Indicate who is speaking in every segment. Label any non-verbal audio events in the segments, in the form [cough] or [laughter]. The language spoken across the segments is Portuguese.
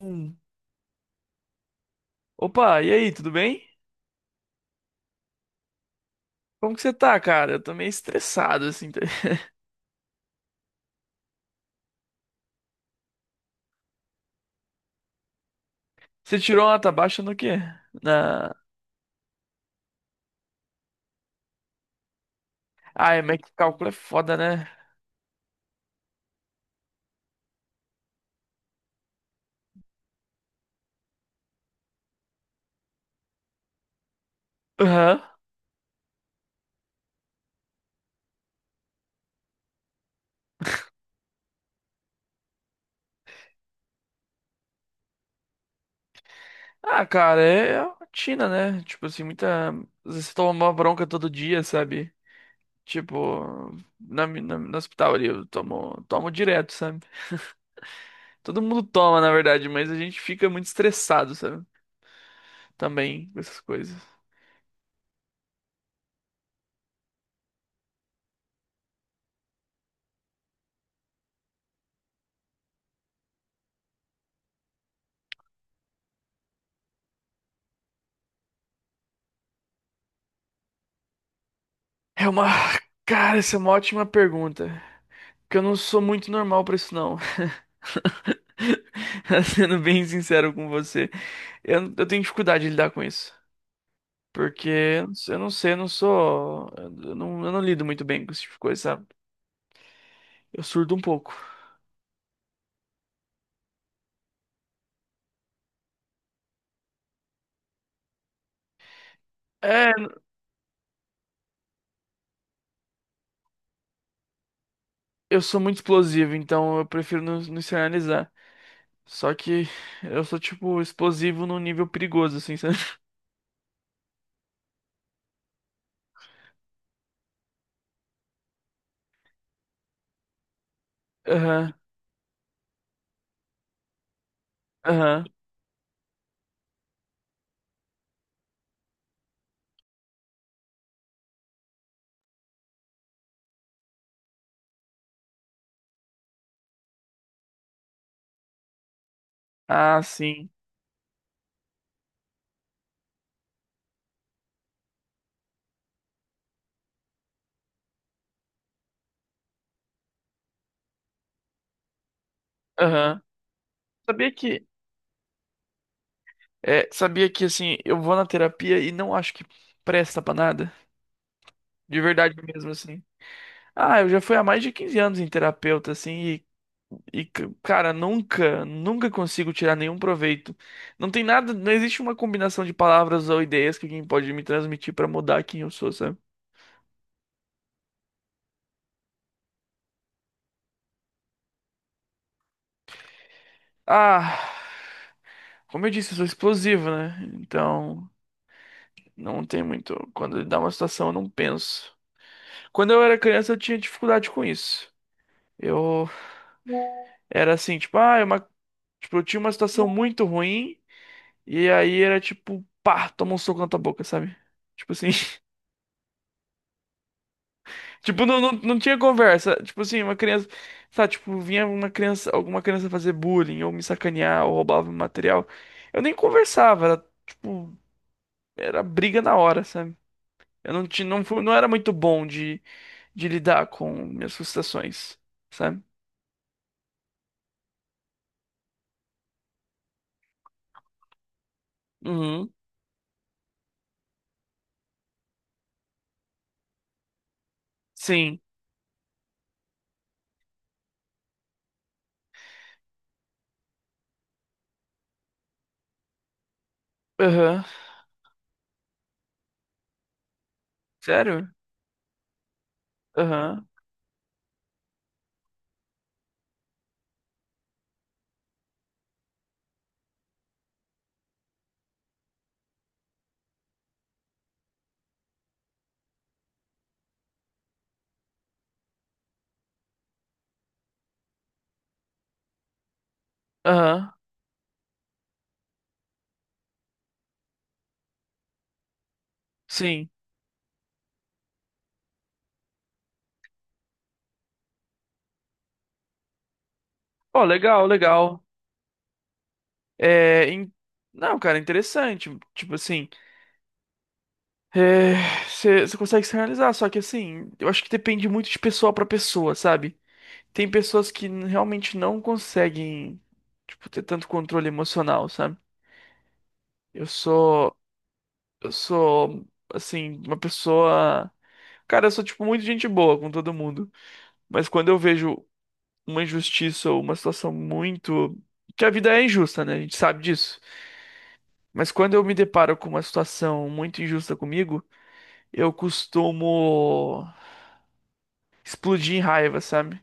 Speaker 1: Hum. Opa, e aí, tudo bem? Como que você tá, cara? Eu tô meio estressado, assim. [laughs] Você tirou uma nota baixa no quê? Na... Ah, é, mas que cálculo é foda, né? Aham. Ah, cara, é a rotina, né? Tipo assim, muita. Às vezes você toma uma bronca todo dia, sabe? Tipo, no hospital ali, tomo direto, sabe? Todo mundo toma, na verdade, mas a gente fica muito estressado, sabe? Também, com essas coisas. É uma. Cara, essa é uma ótima pergunta. Que eu não sou muito normal pra isso, não. [laughs] Sendo bem sincero com você, eu tenho dificuldade de lidar com isso. Porque eu não sei, eu não sou. Eu não lido muito bem com esse tipo de coisa, sabe? Eu surdo um pouco. É, eu sou muito explosivo, então eu prefiro não externalizar. Só que eu sou, tipo, explosivo num nível perigoso, assim, sabe? [laughs] Aham, aham. Ah, sim. Aham. Sabia que É, sabia que assim, eu vou na terapia e não acho que presta pra nada. De verdade mesmo, assim. Ah, eu já fui há mais de 15 anos em terapeuta, assim, cara, nunca consigo tirar nenhum proveito. Não tem nada, não existe uma combinação de palavras ou ideias que alguém pode me transmitir pra mudar quem eu sou, sabe? Ah, como eu disse, eu sou explosivo, né? Então, não tem muito. Quando dá uma situação, eu não penso. Quando eu era criança, eu tinha dificuldade com isso. Eu era assim, tipo, tipo, eu tinha uma situação muito ruim e aí era tipo, pá, toma um soco na tua boca, sabe? Tipo assim, [laughs] tipo, não, não, não tinha conversa. Tipo assim, uma criança, sabe, tipo, vinha uma criança, alguma criança fazer bullying ou me sacanear ou roubava meu material. Eu nem conversava, era tipo, era briga na hora, sabe? Eu não tinha, não fui, não era muito bom de lidar com minhas frustrações, sabe? Uhum. Sim. Aham. Sério? Aham. Aham. Sim. Ó, legal, legal. É, in- Não, cara, interessante. Tipo assim, é, você consegue se realizar, só que assim, eu acho que depende muito de pessoa pra pessoa, sabe? Tem pessoas que realmente não conseguem, tipo, ter tanto controle emocional, sabe? Eu sou, eu sou, assim, uma pessoa. Cara, eu sou, tipo, muito gente boa com todo mundo. Mas quando eu vejo uma injustiça ou uma situação muito. Que a vida é injusta, né? A gente sabe disso. Mas quando eu me deparo com uma situação muito injusta comigo, eu costumo explodir em raiva, sabe?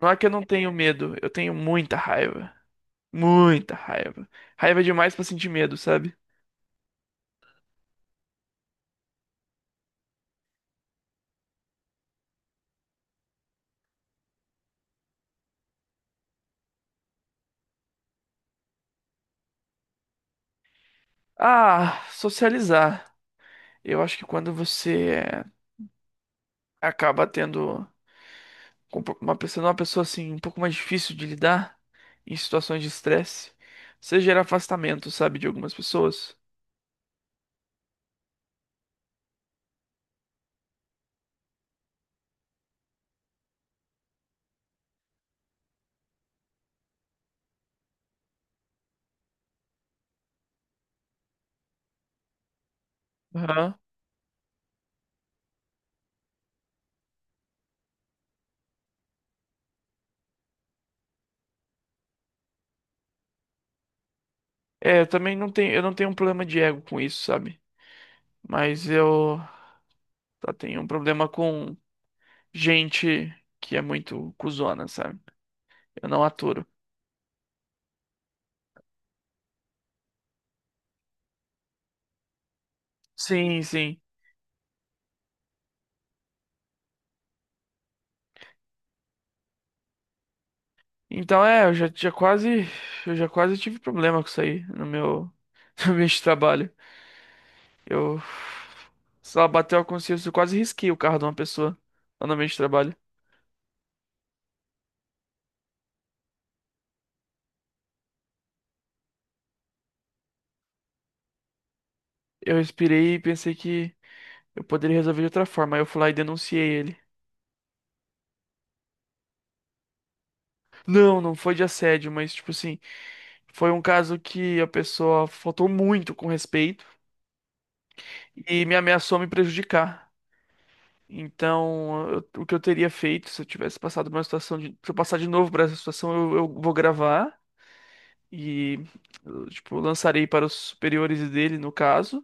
Speaker 1: Não é que eu não tenho medo, eu tenho muita raiva. Muita raiva. Raiva é demais pra sentir medo, sabe? Ah, socializar. Eu acho que quando você acaba tendo com uma pessoa assim, um pouco mais difícil de lidar em situações de estresse, você gera afastamento, sabe, de algumas pessoas. Aham. É, eu não tenho um problema de ego com isso, sabe? Mas eu só tenho um problema com gente que é muito cuzona, sabe? Eu não aturo. Sim, sim. Então é, eu já quase tive problema com isso aí no meu, [laughs] no meu trabalho. Eu, sei lá, bateu a consciência, eu quase risquei o carro de uma pessoa lá no meio de trabalho. Eu respirei e pensei que eu poderia resolver de outra forma. Aí eu fui lá e denunciei ele. Não, não foi de assédio, mas tipo assim, foi um caso que a pessoa faltou muito com respeito e me ameaçou me prejudicar. Então, o que eu teria feito se eu tivesse passado por uma situação de, se eu passar de novo por essa situação, eu vou gravar e eu, tipo, lançarei para os superiores dele, no caso,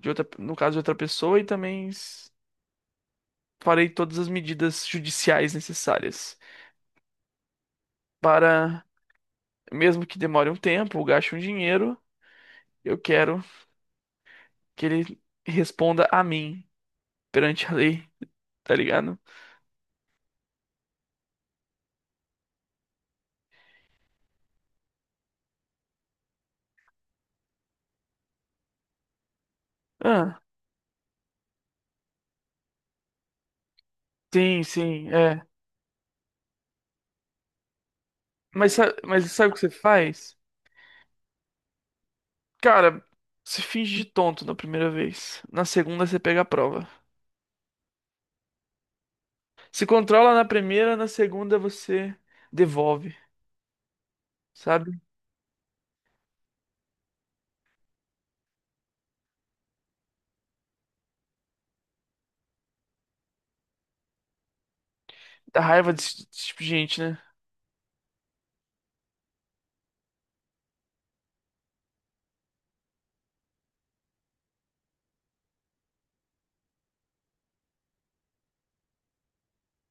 Speaker 1: de outra, no caso de outra pessoa, e também farei todas as medidas judiciais necessárias para, mesmo que demore um tempo, ou gaste um dinheiro, eu quero que ele responda a mim perante a lei, tá ligado? Ah, sim, sim, é. Mas sabe o que você faz? Cara, você finge de tonto na primeira vez. Na segunda você pega a prova. Se controla na primeira, na segunda você devolve, sabe? Dá raiva desse tipo de gente, né?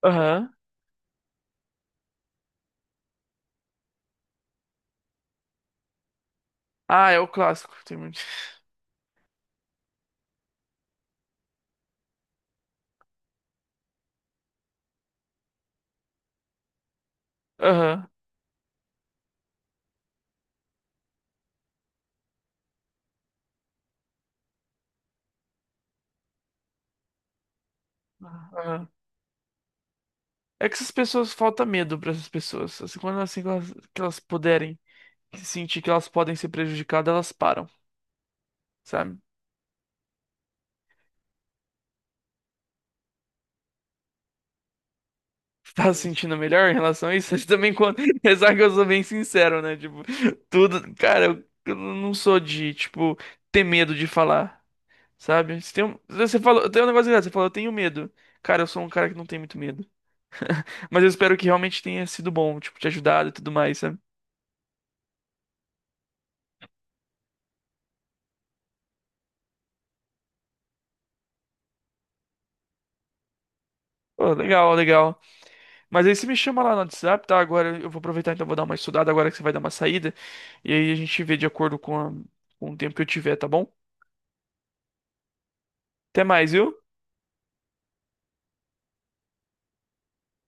Speaker 1: Aham. Ah, é o clássico. Tem muito. [laughs] Aham. Aham. É que essas pessoas falta medo pra essas pessoas. Assim, quando elas, assim, que elas puderem se sentir que elas podem ser prejudicadas, elas param, sabe? Tá se sentindo melhor em relação a isso? [laughs] Também quando. Apesar que eu sou bem sincero, né? Tipo, tudo. Cara, eu não sou de, tipo, ter medo de falar, sabe? Se tem um- Você falou, tem um negócio engraçado, você falou, eu tenho medo. Cara, eu sou um cara que não tem muito medo. Mas eu espero que realmente tenha sido bom, tipo, te ajudado e tudo mais, sabe? Pô, legal, legal. Mas aí você me chama lá no WhatsApp, tá? Agora eu vou aproveitar, então vou dar uma estudada agora que você vai dar uma saída. E aí a gente vê de acordo com, com o tempo que eu tiver, tá bom? Até mais, viu?